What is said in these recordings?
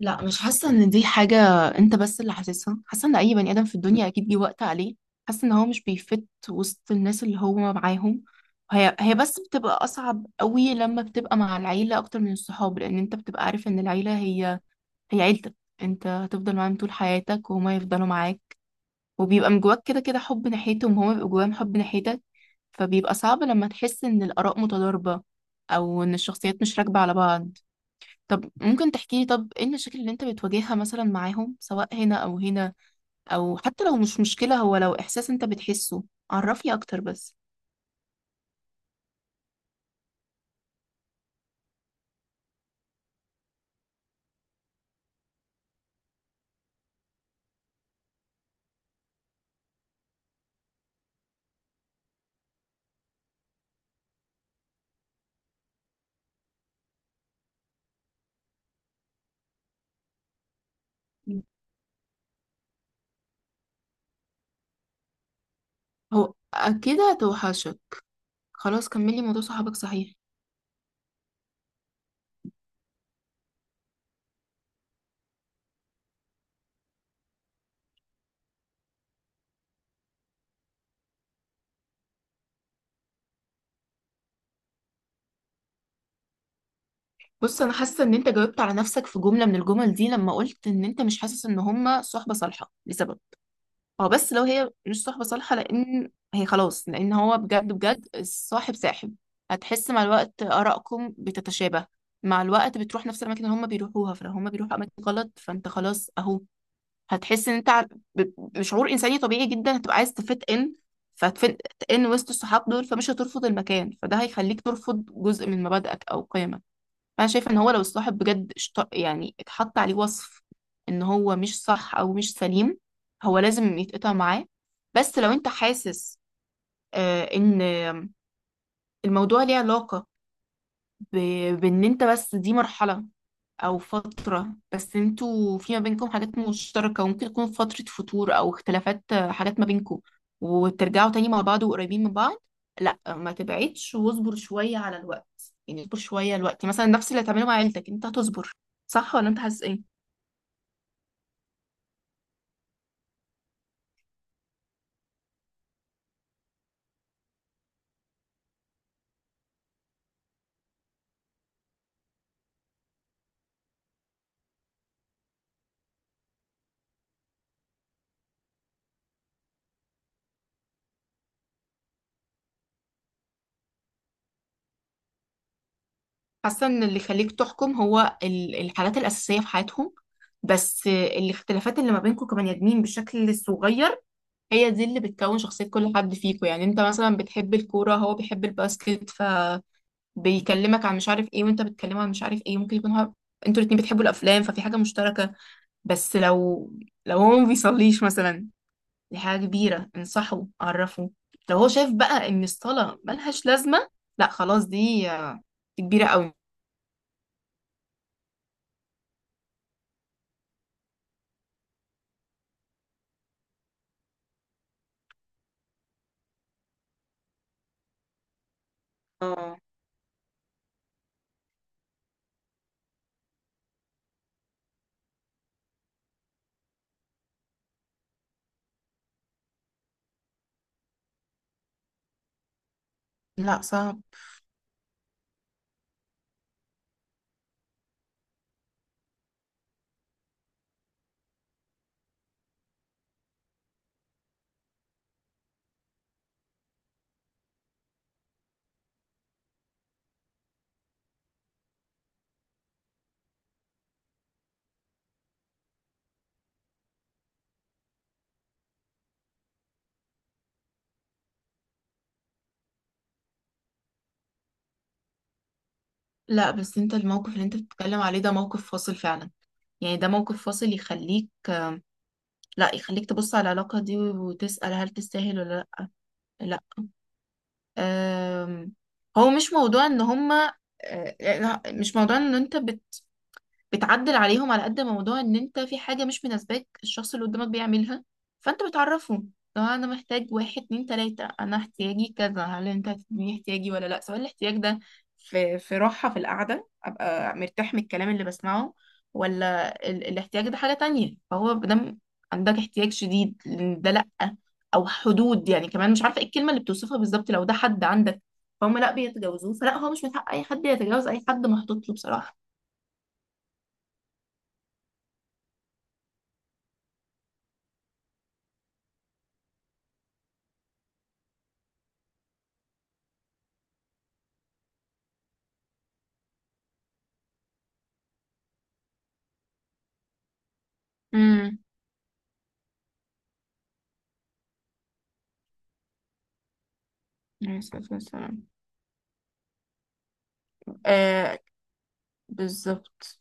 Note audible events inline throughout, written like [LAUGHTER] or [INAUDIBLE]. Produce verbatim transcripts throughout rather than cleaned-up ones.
لا، مش حاسة ان دي حاجة. انت بس اللي حاسسها. حاسة ان اي بني ادم في الدنيا اكيد جه وقت عليه، حاسة ان هو مش بيفت وسط الناس اللي هو معاهم. هي هي بس بتبقى اصعب قوي لما بتبقى مع العيلة اكتر من الصحاب، لان انت بتبقى عارف ان العيلة هي هي عيلتك. انت هتفضل معاهم طول حياتك وهما يفضلوا معاك، وبيبقى من جواك كده كده حب ناحيتهم، وهما بيبقوا جواهم حب ناحيتك. فبيبقى صعب لما تحس ان الاراء متضاربة، او ان الشخصيات مش راكبة على بعض. طب ممكن تحكي لي؟ طب ايه المشاكل اللي انت بتواجهها مثلا معاهم، سواء هنا او هنا، او حتى لو مش مشكلة، هو لو احساس انت بتحسه، عرفني اكتر بس. هو اكيد هتوحشك. خلاص كملي موضوع صحابك، صحيح. بص، انا حاسه ان انت جاوبت على نفسك في جمله من الجمل دي، لما قلت ان انت مش حاسس ان هما صحبه صالحه لسبب. اه بس لو هي مش صحبة صالحة، لأن هي خلاص، لأن هو بجد بجد الصاحب ساحب. هتحس مع الوقت آرائكم بتتشابه، مع الوقت بتروح نفس الأماكن اللي هما بيروحوها، فلو هما بيروحوا أماكن غلط فأنت خلاص أهو. هتحس إن أنت ع- ب- بشعور إنساني طبيعي جدا، هتبقى عايز تفت إن فتفت إن وسط الصحاب دول، فمش هترفض المكان، فده هيخليك ترفض جزء من مبادئك أو قيمك. انا شايفه ان هو لو الصاحب بجد اشت- يعني اتحط عليه وصف ان هو مش صح او مش سليم، هو لازم يتقطع معاه. بس لو انت حاسس آه، ان الموضوع ليه علاقه ب- بان انت، بس دي مرحله او فترة، بس انتوا في ما بينكم حاجات مشتركة، وممكن يكون فترة فتور او اختلافات، آه، حاجات ما بينكم، وترجعوا تاني مع بعض وقريبين من بعض. لا ما تبعدش واصبر شوية على الوقت، يعني اصبر شوية الوقت مثلا، نفس اللي هتعمله مع عيلتك انت هتصبر. صح ولا انت حاسس ايه؟ حاسة ان اللي يخليك تحكم هو ال- الحاجات الأساسية في حياتهم. بس آه، الاختلافات اللي ما بينكم كبني ادمين بشكل صغير هي دي اللي بتكون شخصية كل حد فيكم. يعني انت مثلا بتحب الكورة، هو بيحب الباسكت، ف بيكلمك عن مش عارف ايه، وانت بتكلمه عن مش عارف ايه، ممكن يكون هو، انتوا الاتنين بتحبوا الافلام، ففي حاجه مشتركه. بس لو لو هو ما بيصليش مثلا، دي حاجه كبيره، انصحه عرفه. لو هو شايف بقى ان الصلاه ملهاش لازمه، لا خلاص، دي آه، دي كبيره قوي. آه، لا صعب. لا بس انت الموقف اللي انت بتتكلم عليه ده موقف فاصل فعلا، يعني ده موقف فاصل يخليك، لا يخليك تبص على العلاقه دي وتسال هل تستاهل ولا لا. آم، هو مش موضوع ان هما، آه، يعني مش موضوع ان انت بت بتعدل عليهم على قد ما موضوع ان انت في حاجة مش مناسباك الشخص اللي قدامك بيعملها، فانت بتعرفه. لو انا محتاج واحد اتنين تلاتة، انا احتياجي كذا، هل انت هتديني احتياجي ولا لا؟ سواء الاحتياج ده في في راحة في القعدة ابقى مرتاح من الكلام اللي بسمعه، ولا ال... الاحتياج ده حاجة تانية، فهو بدم عندك احتياج شديد لإن ده لا، او حدود، يعني كمان مش عارفة ايه الكلمة اللي بتوصفها بالظبط. لو ده حد عندك فهم لا بيتجاوزوه، فلا هو مش من حق اي حد يتجاوز اي حد محطوط له بصراحة. امم. عليه الصلاة والسلام. آه. بالظبط.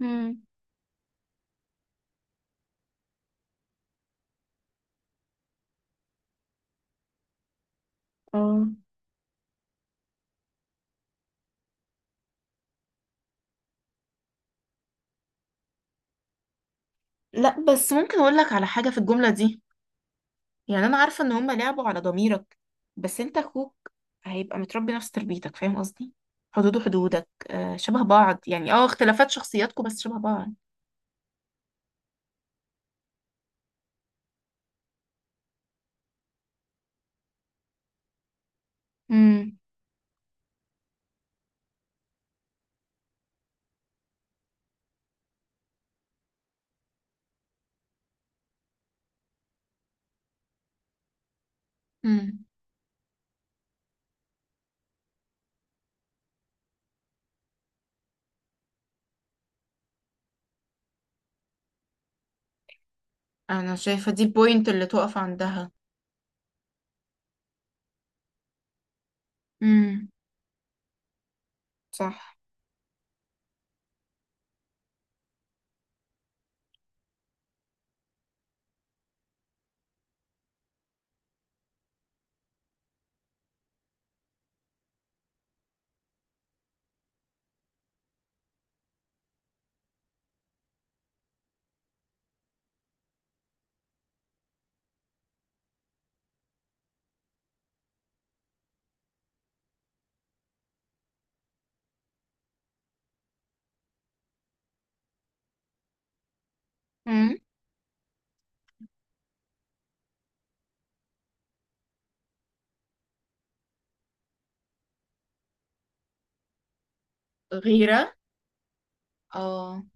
مم. اه. لا بس ممكن اقول لك على حاجة في الجملة دي؟ يعني انا عارفة ان هما لعبوا على ضميرك. بس انت اخوك هيبقى متربي نفس تربيتك، فاهم قصدي؟ حدوده حدودك، آه شبه بعض، يعني اه اختلافات شخصياتكم بس شبه بعض. امم. امم. انا شايفة دي البوينت اللي تقف عندها. امم. صح. مم. غيرة. اه.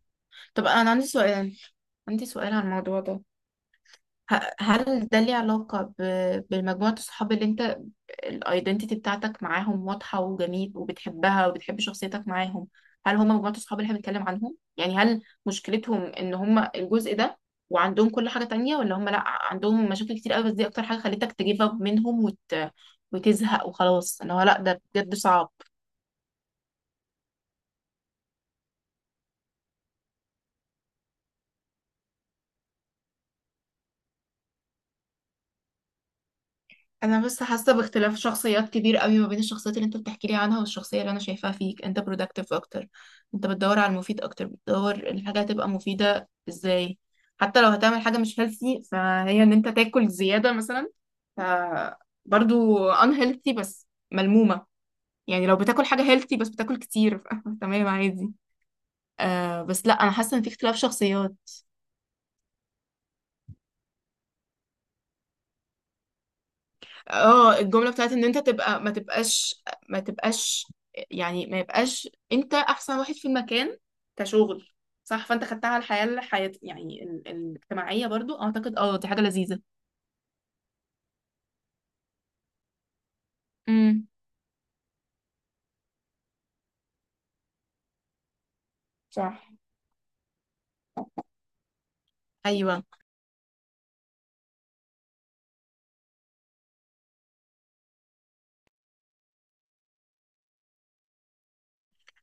طب انا عندي سؤال عندي سؤال على الموضوع ده. ه- هل ده ليه علاقة ب- بمجموعة الصحاب اللي انت الايدنتيتي بتاعتك معاهم واضحة وجميل، وبتحبها وبتحب شخصيتك معاهم؟ هل هم مجموعة الصحاب اللي احنا بنتكلم عنهم؟ يعني هل مشكلتهم ان هم الجزء ده وعندهم كل حاجة تانية، ولا هم لا عندهم مشاكل كتير قوي، بس دي اكتر حاجة خلتك تجيب اب منهم وت... وتزهق وخلاص ان هو لا ده بجد صعب. انا بس حاسه باختلاف شخصيات كبير قوي ما بين الشخصيات اللي انت بتحكي لي عنها والشخصيه اللي انا شايفاها فيك، انت productive اكتر. انت بتدور على المفيد اكتر، بتدور الحاجه هتبقى مفيده ازاي. حتى لو هتعمل حاجه مش healthy، فهي ان انت تاكل زياده مثلا، ف برضو unhealthy، بس ملمومه. يعني لو بتاكل حاجه healthy بس بتاكل كتير ف... [LAUGHS] تمام عادي. آه بس لا انا حاسه ان في اختلاف شخصيات. اه الجملة بتاعت ان انت تبقى ما تبقاش، ما تبقاش يعني ما يبقاش انت احسن واحد في المكان كشغل. صح. فانت خدتها على الحياة، الحياة يعني ال- الاجتماعية، برضو اعتقد، اه دي حاجة لذيذة. امم. صح. ايوه.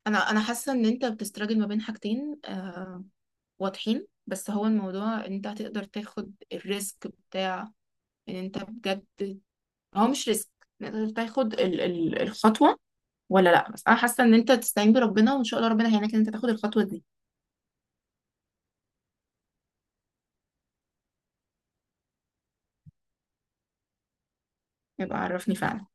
انا انا حاسة ان انت بتستراجل ما بين حاجتين، آه واضحين. بس هو الموضوع ان انت هتقدر تاخد الريسك بتاع ان انت بجد، هو مش ريسك، إن انت تاخد ال- ال- الخطوة، ولا لا بس انا حاسه ان انت تستعين بربنا وان شاء الله ربنا هيعينك ان انت تاخد الخطوه دي. يبقى عرفني فعلا.